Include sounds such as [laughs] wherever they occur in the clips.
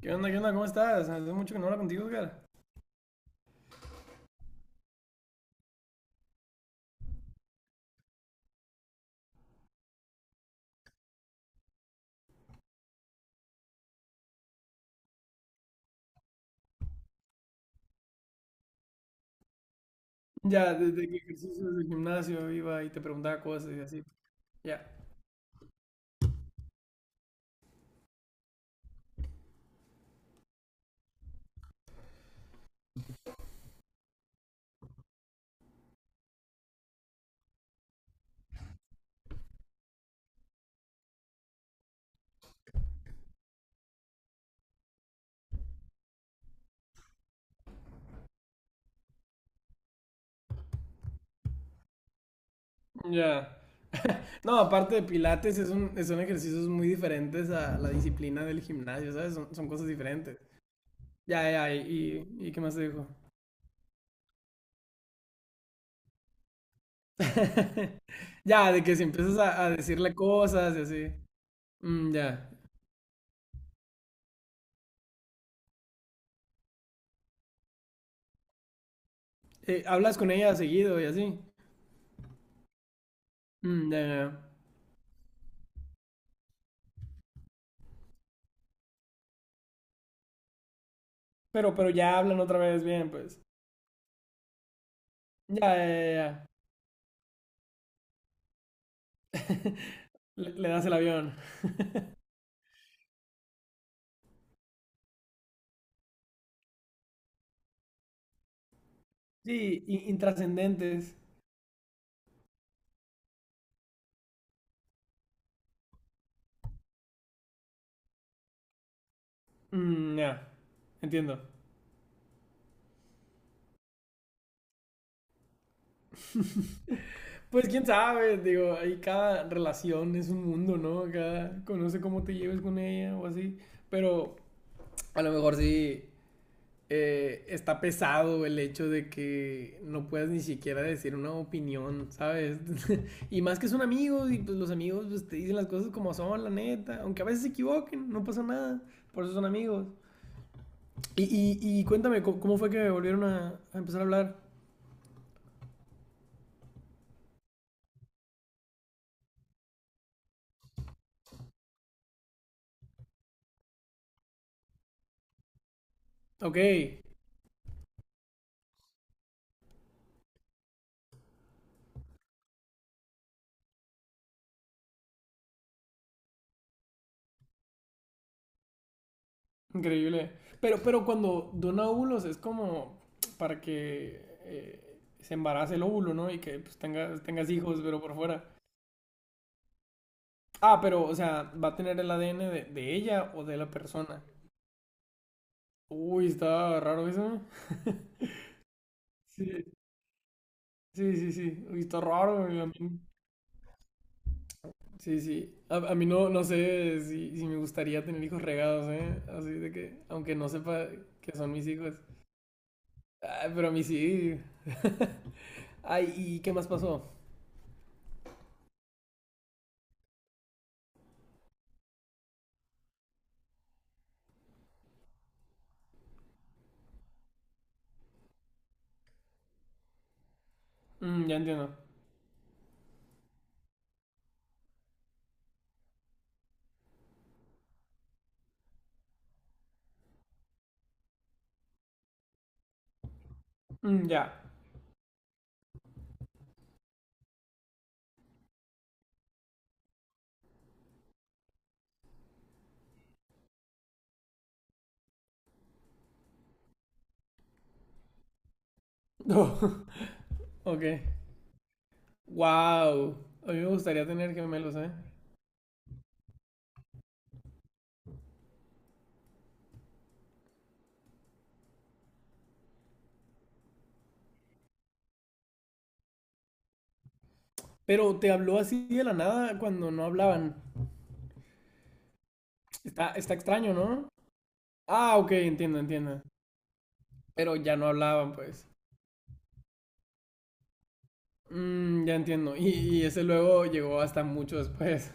¿Qué onda? ¿Qué onda? ¿Cómo estás? Hace mucho que no hablo contigo, Edgar. Ya, desde que ejercicios del gimnasio iba y te preguntaba cosas y así. Ya, ya. No, aparte de pilates, es un, son ejercicios muy diferentes a la disciplina del gimnasio, ¿sabes? Son, son cosas diferentes. Ya, ya, y ¿qué más te dijo? [laughs] Ya, de que si empiezas a decirle cosas y así. Mm, ya. Hablas con ella seguido y así. Mm, ya, ya, ya. Pero ya hablan otra vez bien, pues. Ya, ya, ya. Ya. [laughs] Le das el avión. Sí, intrascendentes. Mm, ya, entiendo. Pues quién sabe, digo, ahí cada relación es un mundo, ¿no? Cada conoce cómo te lleves con ella o así. Pero a lo mejor sí está pesado el hecho de que no puedas ni siquiera decir una opinión, ¿sabes? [laughs] Y más que son amigos y pues los amigos pues, te dicen las cosas como son, la neta. Aunque a veces se equivoquen, no pasa nada. Por eso son amigos. Y cuéntame, ¿cómo, cómo fue que volvieron a empezar a hablar? Ok, increíble. Pero cuando dona óvulos es como para que se embarace el óvulo, ¿no? Y que pues, tengas, tengas hijos, pero por fuera. Ah, pero, o sea, ¿va a tener el ADN de ella o de la persona? Uy, está raro eso. [laughs] Sí, sí, sí, sí. Uy, está raro, güey, a mí. Sí, sí. A mí no, no sé si, si me gustaría tener hijos regados, ¿eh? Así de que, aunque no sepa que son mis hijos. Ay, pero a mí sí. [laughs] Ay, ¿y qué más pasó? Mm, ya entiendo. Mm, ya. [laughs] Ok. Wow. A mí me gustaría tener gemelos, ¿eh? Pero te habló así de la nada cuando no hablaban. Está, está extraño, ¿no? Ah, ok, entiendo, entiendo. Pero ya no hablaban, pues. Mm, ya entiendo. Y ese luego llegó hasta mucho después.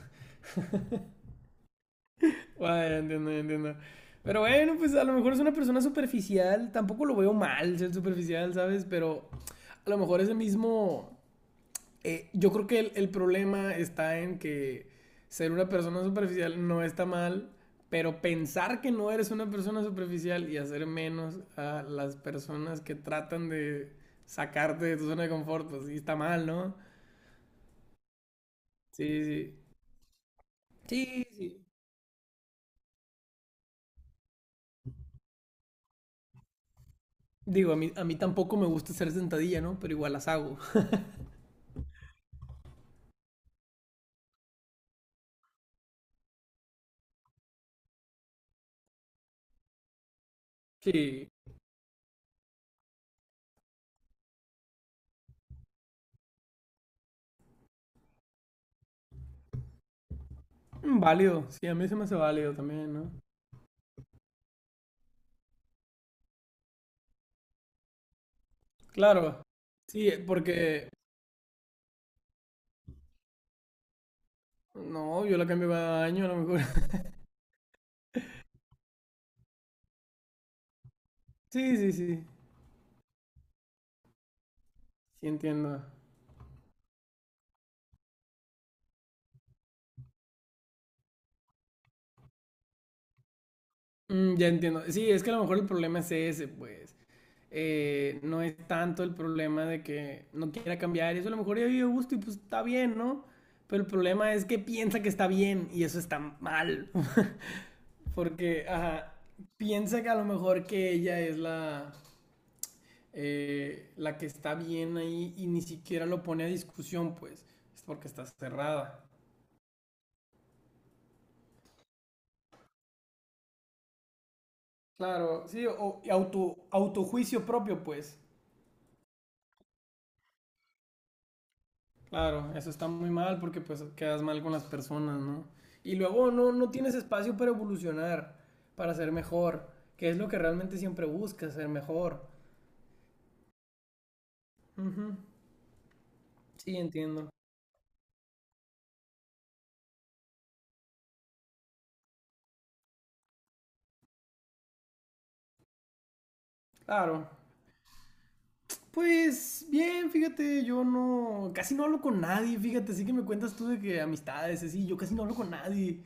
[laughs] Wow, ya entiendo, ya entiendo. Pero bueno, pues a lo mejor es una persona superficial. Tampoco lo veo mal ser superficial, ¿sabes? Pero a lo mejor ese mismo yo creo que el problema está en que ser una persona superficial no está mal, pero pensar que no eres una persona superficial y hacer menos a las personas que tratan de sacarte de tu zona de confort, pues sí está mal, ¿no? Sí, sí. Sí, sí. Digo, a mí tampoco me gusta hacer sentadilla, ¿no? Pero igual las hago. [laughs] Sí. Mm, válido. Sí, a mí se me hace válido también, ¿no? Claro. Sí, porque... No, yo la cambio cada año a lo mejor. [laughs] Sí, sí, sí. Sí, entiendo. Mm, ya entiendo. Sí, es que a lo mejor el problema es ese, pues. No es tanto el problema de que no quiera cambiar. Eso a lo mejor ya vive a gusto y pues está bien, ¿no? Pero el problema es que piensa que está bien y eso está mal. [laughs] Porque, ajá, piensa que a lo mejor que ella es la, la que está bien ahí y ni siquiera lo pone a discusión, pues. Es porque está cerrada. Claro, sí, o y auto, autojuicio propio, pues. Claro, eso está muy mal porque pues quedas mal con las personas, ¿no? Y luego no, no tienes espacio para evolucionar, para ser mejor, que es lo que realmente siempre buscas, ser mejor. Ujú. Sí, entiendo. Claro. Pues bien, fíjate, yo no, casi no hablo con nadie, fíjate, sí que me cuentas tú de que amistades, así, yo casi no hablo con nadie.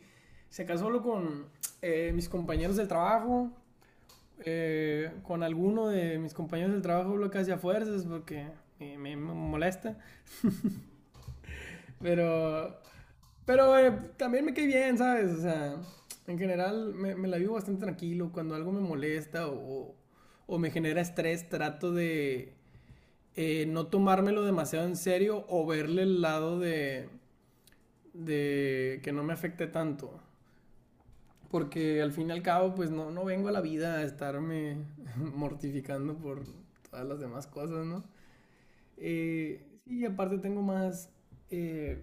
Se casó solo con mis compañeros del trabajo, con alguno de mis compañeros del trabajo lo que hacía fuerzas porque me, me molesta. Pero, pero también me cae bien, ¿sabes? O sea, en general me, me la vivo bastante tranquilo. Cuando algo me molesta o me genera estrés, trato de no tomármelo demasiado en serio o verle el lado de que no me afecte tanto. Porque al fin y al cabo, pues no, no vengo a la vida a estarme [laughs] mortificando por todas las demás cosas, ¿no? Sí, aparte tengo más eh,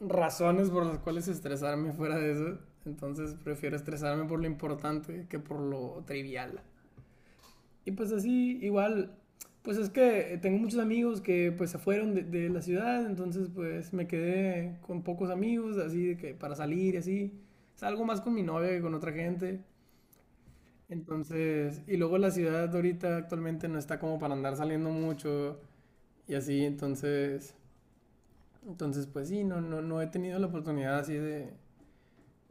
razones por las cuales estresarme fuera de eso. Entonces prefiero estresarme por lo importante que por lo trivial. Y pues así, igual, pues es que tengo muchos amigos que pues se fueron de la ciudad, entonces pues me quedé con pocos amigos, así de que para salir y así. Salgo más con mi novia que con otra gente. Entonces, y luego la ciudad ahorita actualmente no está como para andar saliendo mucho y así, entonces, entonces pues sí, no, no, no he tenido la oportunidad así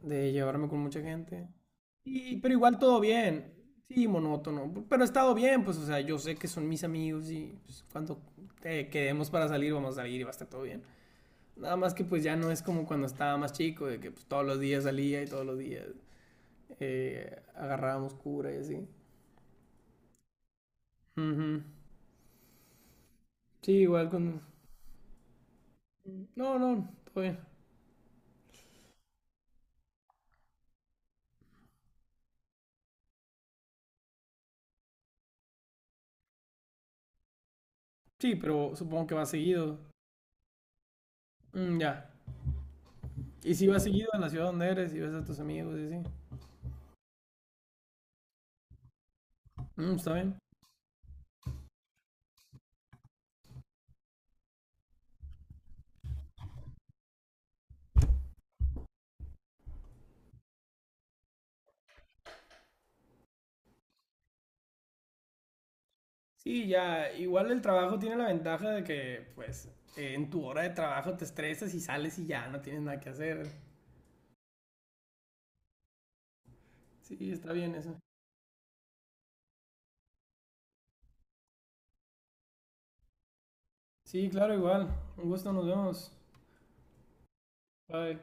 de llevarme con mucha gente. Y, pero igual todo bien. Sí, monótono. Pero he estado bien, pues, o sea, yo sé que son mis amigos y pues, cuando quedemos para salir, vamos a salir y va a estar todo bien. Nada más que pues ya no es como cuando estaba más chico, de que pues, todos los días salía y todos los días agarrábamos cura y así. Ujú. Sí, igual con... No, no, todo bien. Sí, pero supongo que va seguido. Mm, ya. Y si vas seguido a la ciudad donde eres y ves a tus amigos y así. Mm, está bien. Sí, ya, igual el trabajo tiene la ventaja de que, pues, en tu hora de trabajo te estresas y sales y ya no tienes nada que hacer. Sí, está bien eso. Sí, claro, igual. Un gusto, nos vemos. Bye.